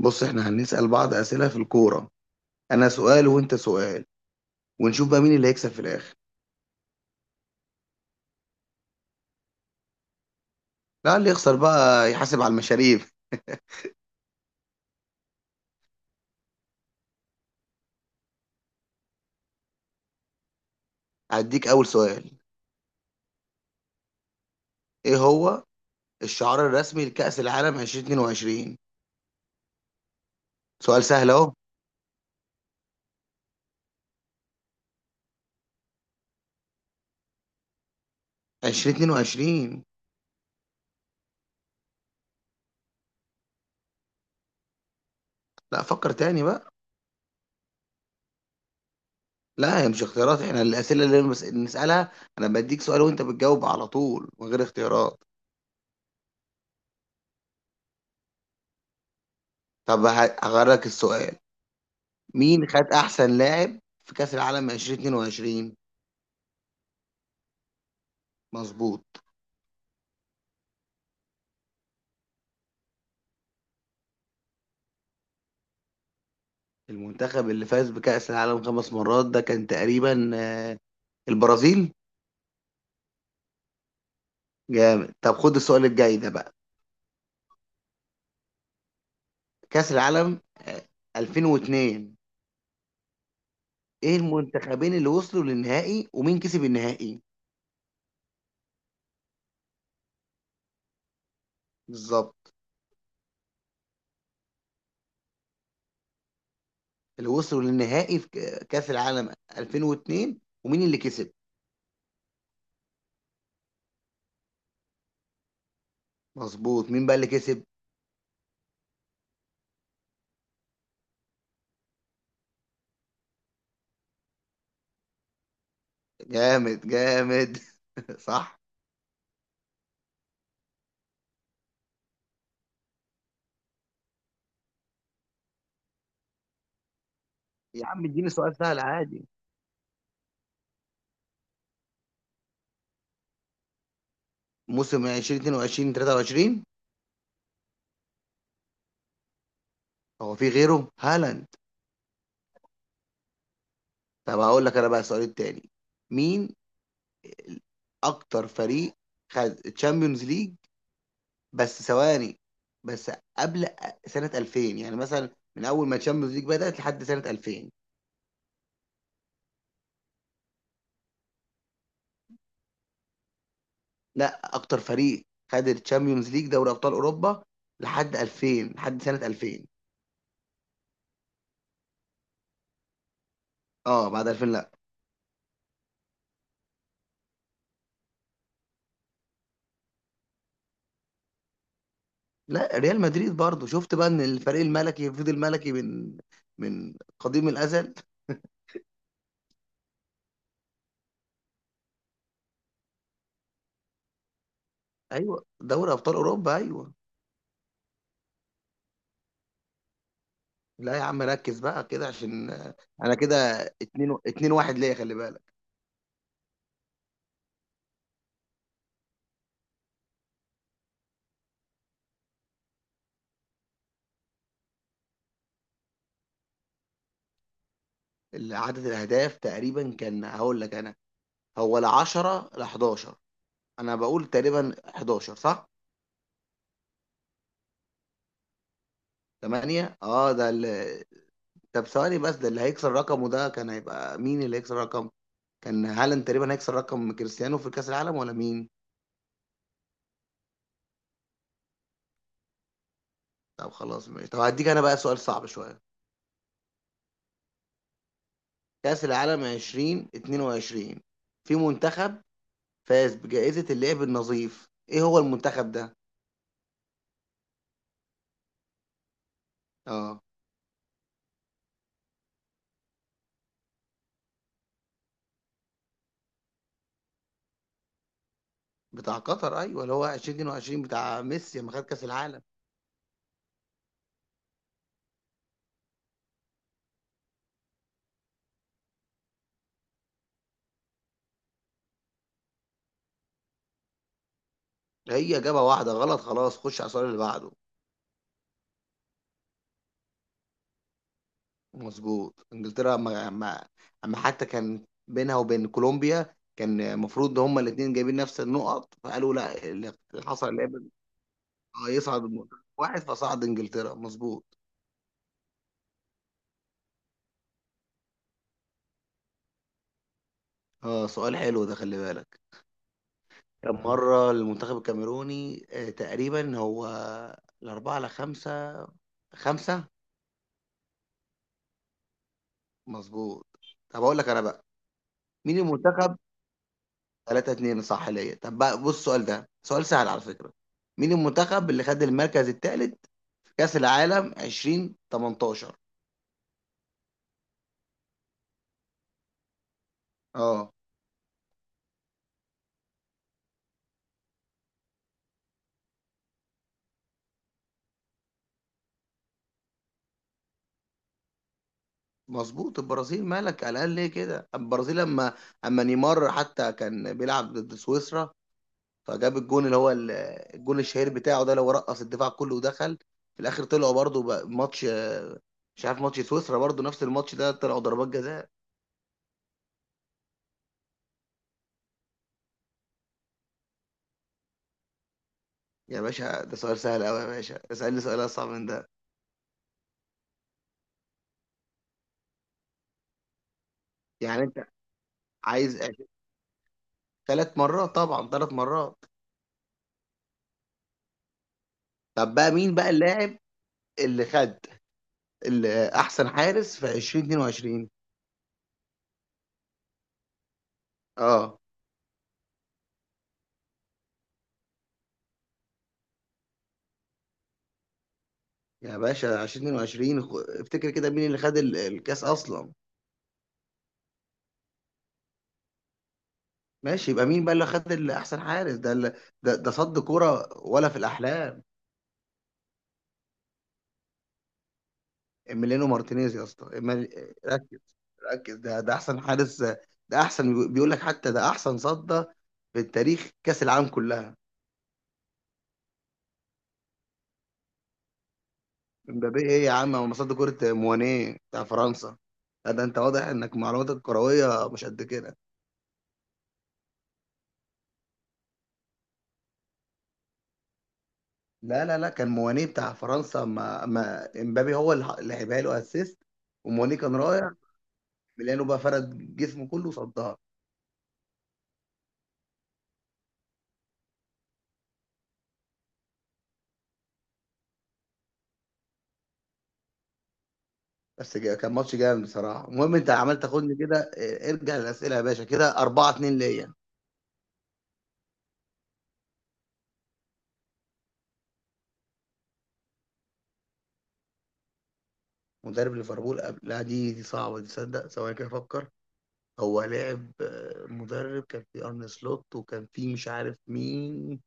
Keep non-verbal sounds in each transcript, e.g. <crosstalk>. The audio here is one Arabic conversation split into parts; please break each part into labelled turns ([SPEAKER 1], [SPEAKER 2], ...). [SPEAKER 1] بص، احنا هنسأل بعض أسئلة في الكورة. أنا سؤال وأنت سؤال، ونشوف بقى مين اللي هيكسب في الآخر. لا، اللي يخسر بقى يحاسب على المشاريب. هديك أول سؤال. إيه هو الشعار الرسمي لكأس العالم 2022؟ سؤال سهل أهو. 2022. لا، فكر تاني بقى. لا، هي مش اختيارات، احنا الأسئلة اللي نسألها. أنا بديك سؤال وأنت بتجاوب على طول من غير اختيارات. طب هغير لك السؤال. مين خد أحسن لاعب في كأس العالم 2022؟ مظبوط. المنتخب اللي فاز بكأس العالم خمس مرات ده كان تقريبا البرازيل. جامد. طب خد السؤال الجاي ده بقى. كأس العالم 2002. ايه المنتخبين اللي وصلوا للنهائي ومين كسب النهائي؟ بالظبط. اللي وصلوا للنهائي في كأس العالم 2002. ومين اللي كسب. مظبوط. مين بقى اللي كسب. جامد جامد. <laughs> صح. يا عم اديني سؤال سهل عادي. موسم 2022 23. هو في غيره هالاند؟ طب هقول لك انا بقى السؤال التاني. مين اكتر فريق خد تشامبيونز ليج؟ بس ثواني. بس. قبل سنة 2000 يعني مثلا. من اول ما تشامبيونز ليج بدأت لحد سنة 2000. لا، اكتر فريق خد التشامبيونز ليج دوري ابطال اوروبا لحد 2000. لحد سنة 2000. اه، بعد 2000 لا. لا، ريال مدريد. برضو شفت بقى ان الفريق الملكي فضل ملكي من من قديم الازل. ايوه دوري ابطال اوروبا ايوه. لا يا عم، ركز بقى كده عشان انا كده اتنين اتنين واحد ليا، خلي بالك. عدد الاهداف تقريبا كان هقول لك انا. هو، لا 10 لا 11. انا بقول تقريبا 11، صح؟ 8. اه، ده اللي. طب ثواني بس، ده اللي هيكسر رقمه ده كان هيبقى مين؟ اللي هيكسر رقم، كان هالاند تقريبا هيكسر رقم كريستيانو في كاس العالم ولا مين؟ طب خلاص ماشي. طب هديك انا بقى سؤال صعب شويه. كاس العالم 2022، في منتخب فاز بجائزه اللعب النظيف، ايه هو المنتخب ده؟ اه. بتاع قطر، ايوه اللي هو 2022 بتاع ميسي لما خد كاس العالم. هي جابها واحده غلط، خلاص خش على السؤال اللي بعده. مظبوط انجلترا. اما حتى كان بينها وبين كولومبيا، كان المفروض ان هما الاثنين جايبين نفس النقط، فقالوا لا اللي حصل اللي اه يصعد المنتخب واحد، فصعد انجلترا مظبوط. اه سؤال حلو ده، خلي بالك. كان مره المنتخب الكاميروني تقريبا هو الاربعه على خمسه. خمسه. مظبوط. طب اقول لك انا بقى. مين المنتخب؟ 3 2 صح ليا. طب بقى بص، السؤال ده سؤال سهل على فكرة. مين المنتخب اللي خد المركز الثالث في كأس العالم 2018؟ اه مظبوط، البرازيل. مالك؟ على الاقل ليه كده البرازيل؟ لما اما نيمار حتى كان بيلعب ضد سويسرا، فجاب الجون اللي هو الجون الشهير بتاعه ده، اللي هو رقص الدفاع كله ودخل. في الاخر طلعوا برضه بقى ماتش مش عارف، ماتش سويسرا برضه نفس الماتش ده طلعوا ضربات جزاء. يا باشا ده سؤال سهل قوي، يا باشا اسالني سؤال اصعب من ده. يعني انت عايز أهداف. ثلاث مرات طبعا، ثلاث مرات. طب بقى مين بقى اللاعب اللي خد اللي احسن حارس في 2022؟ اه. يا باشا 2022، افتكر كده مين اللي خد الكاس اصلا. ماشي، يبقى مين بقى اللي خد اللي احسن حارس ده؟ اللي ده صد كوره ولا في الاحلام. إميليانو مارتينيز يا اسطى. ركز. ركز ده احسن حارس، ده احسن بيقول لك، حتى ده احسن صد في التاريخ كاس العالم كلها. مبابي ايه يا عم؟ هو مصاد كرة موانيه بتاع فرنسا. لا ده انت واضح انك معلوماتك الكروية مش قد كده. لا لا لا، كان موانيه بتاع فرنسا، ما امبابي هو اللي لعبها له اسيست وموانيه كان رايح. ميلانو بقى فرد جسمه كله صدها. بس كان ماتش جامد بصراحة. المهم انت عمال تاخدني كده، ارجع للأسئلة يا باشا. كده 4 2 ليا. مدرب ليفربول قبل. لا دي صعبة دي، تصدق ثواني كده افكر. هو لعب مدرب. كان في ارن سلوت وكان في مش عارف مين.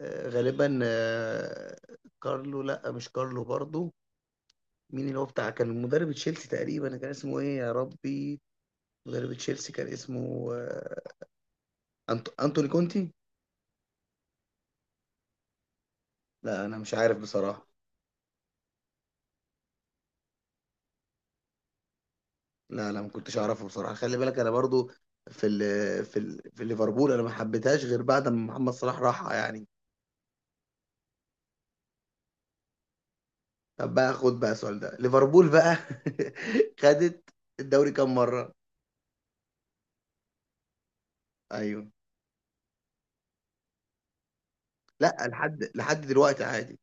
[SPEAKER 1] غالبا كارلو. لا مش كارلو برضو. مين اللي هو بتاع كان مدرب تشيلسي تقريبا كان اسمه ايه يا ربي؟ مدرب تشيلسي كان اسمه انتوني كونتي. لا انا مش عارف بصراحة. لا لا، ما كنتش اعرفه بصراحة، خلي بالك انا برضو في في ليفربول انا ما حبيتهاش غير بعد ما محمد صلاح راح يعني. طب بقى خد بقى السؤال ده. ليفربول بقى <laughs> خدت الدوري كام مرة؟ ايوه. لا، لحد دلوقتي عادي.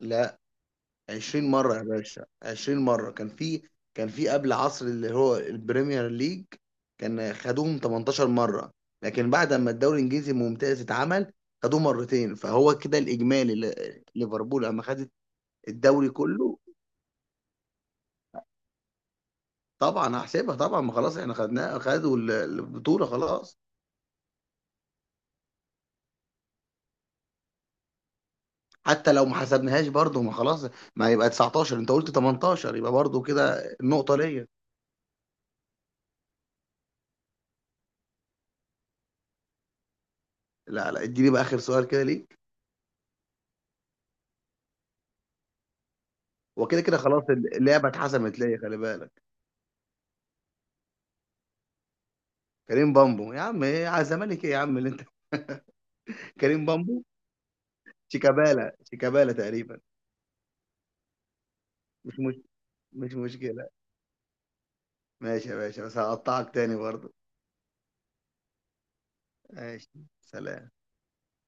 [SPEAKER 1] لا 20 مرة يا باشا، 20 مرة. كان في قبل عصر اللي هو البريمير ليج كان خدوهم 18 مرة. لكن بعد ما الدوري الانجليزي الممتاز اتعمل خدوه مرتين، فهو كده الاجمالي ليفربول لما خدت الدوري كله. طبعا هحسبها طبعا، ما خلاص احنا خدناه، خدوا البطولة خلاص. حتى لو ما حسبناهاش برضه، ما خلاص. ما يبقى 19، انت قلت 18، يبقى برضه كده النقطة ليا. لا لا اديني بقى اخر سؤال كده ليك. وكده كده خلاص اللعبة اتحسمت ليا، خلي بالك. كريم بامبو. يا عم ايه على الزمالك؟ ايه يا عم اللي انت. <laughs> كريم بامبو. شيكابالا. شيكابالا تقريبا. مش مش مش مشكلة. ماشي يا باشا، بس هقطعك تاني برضه. ماشي. سلام.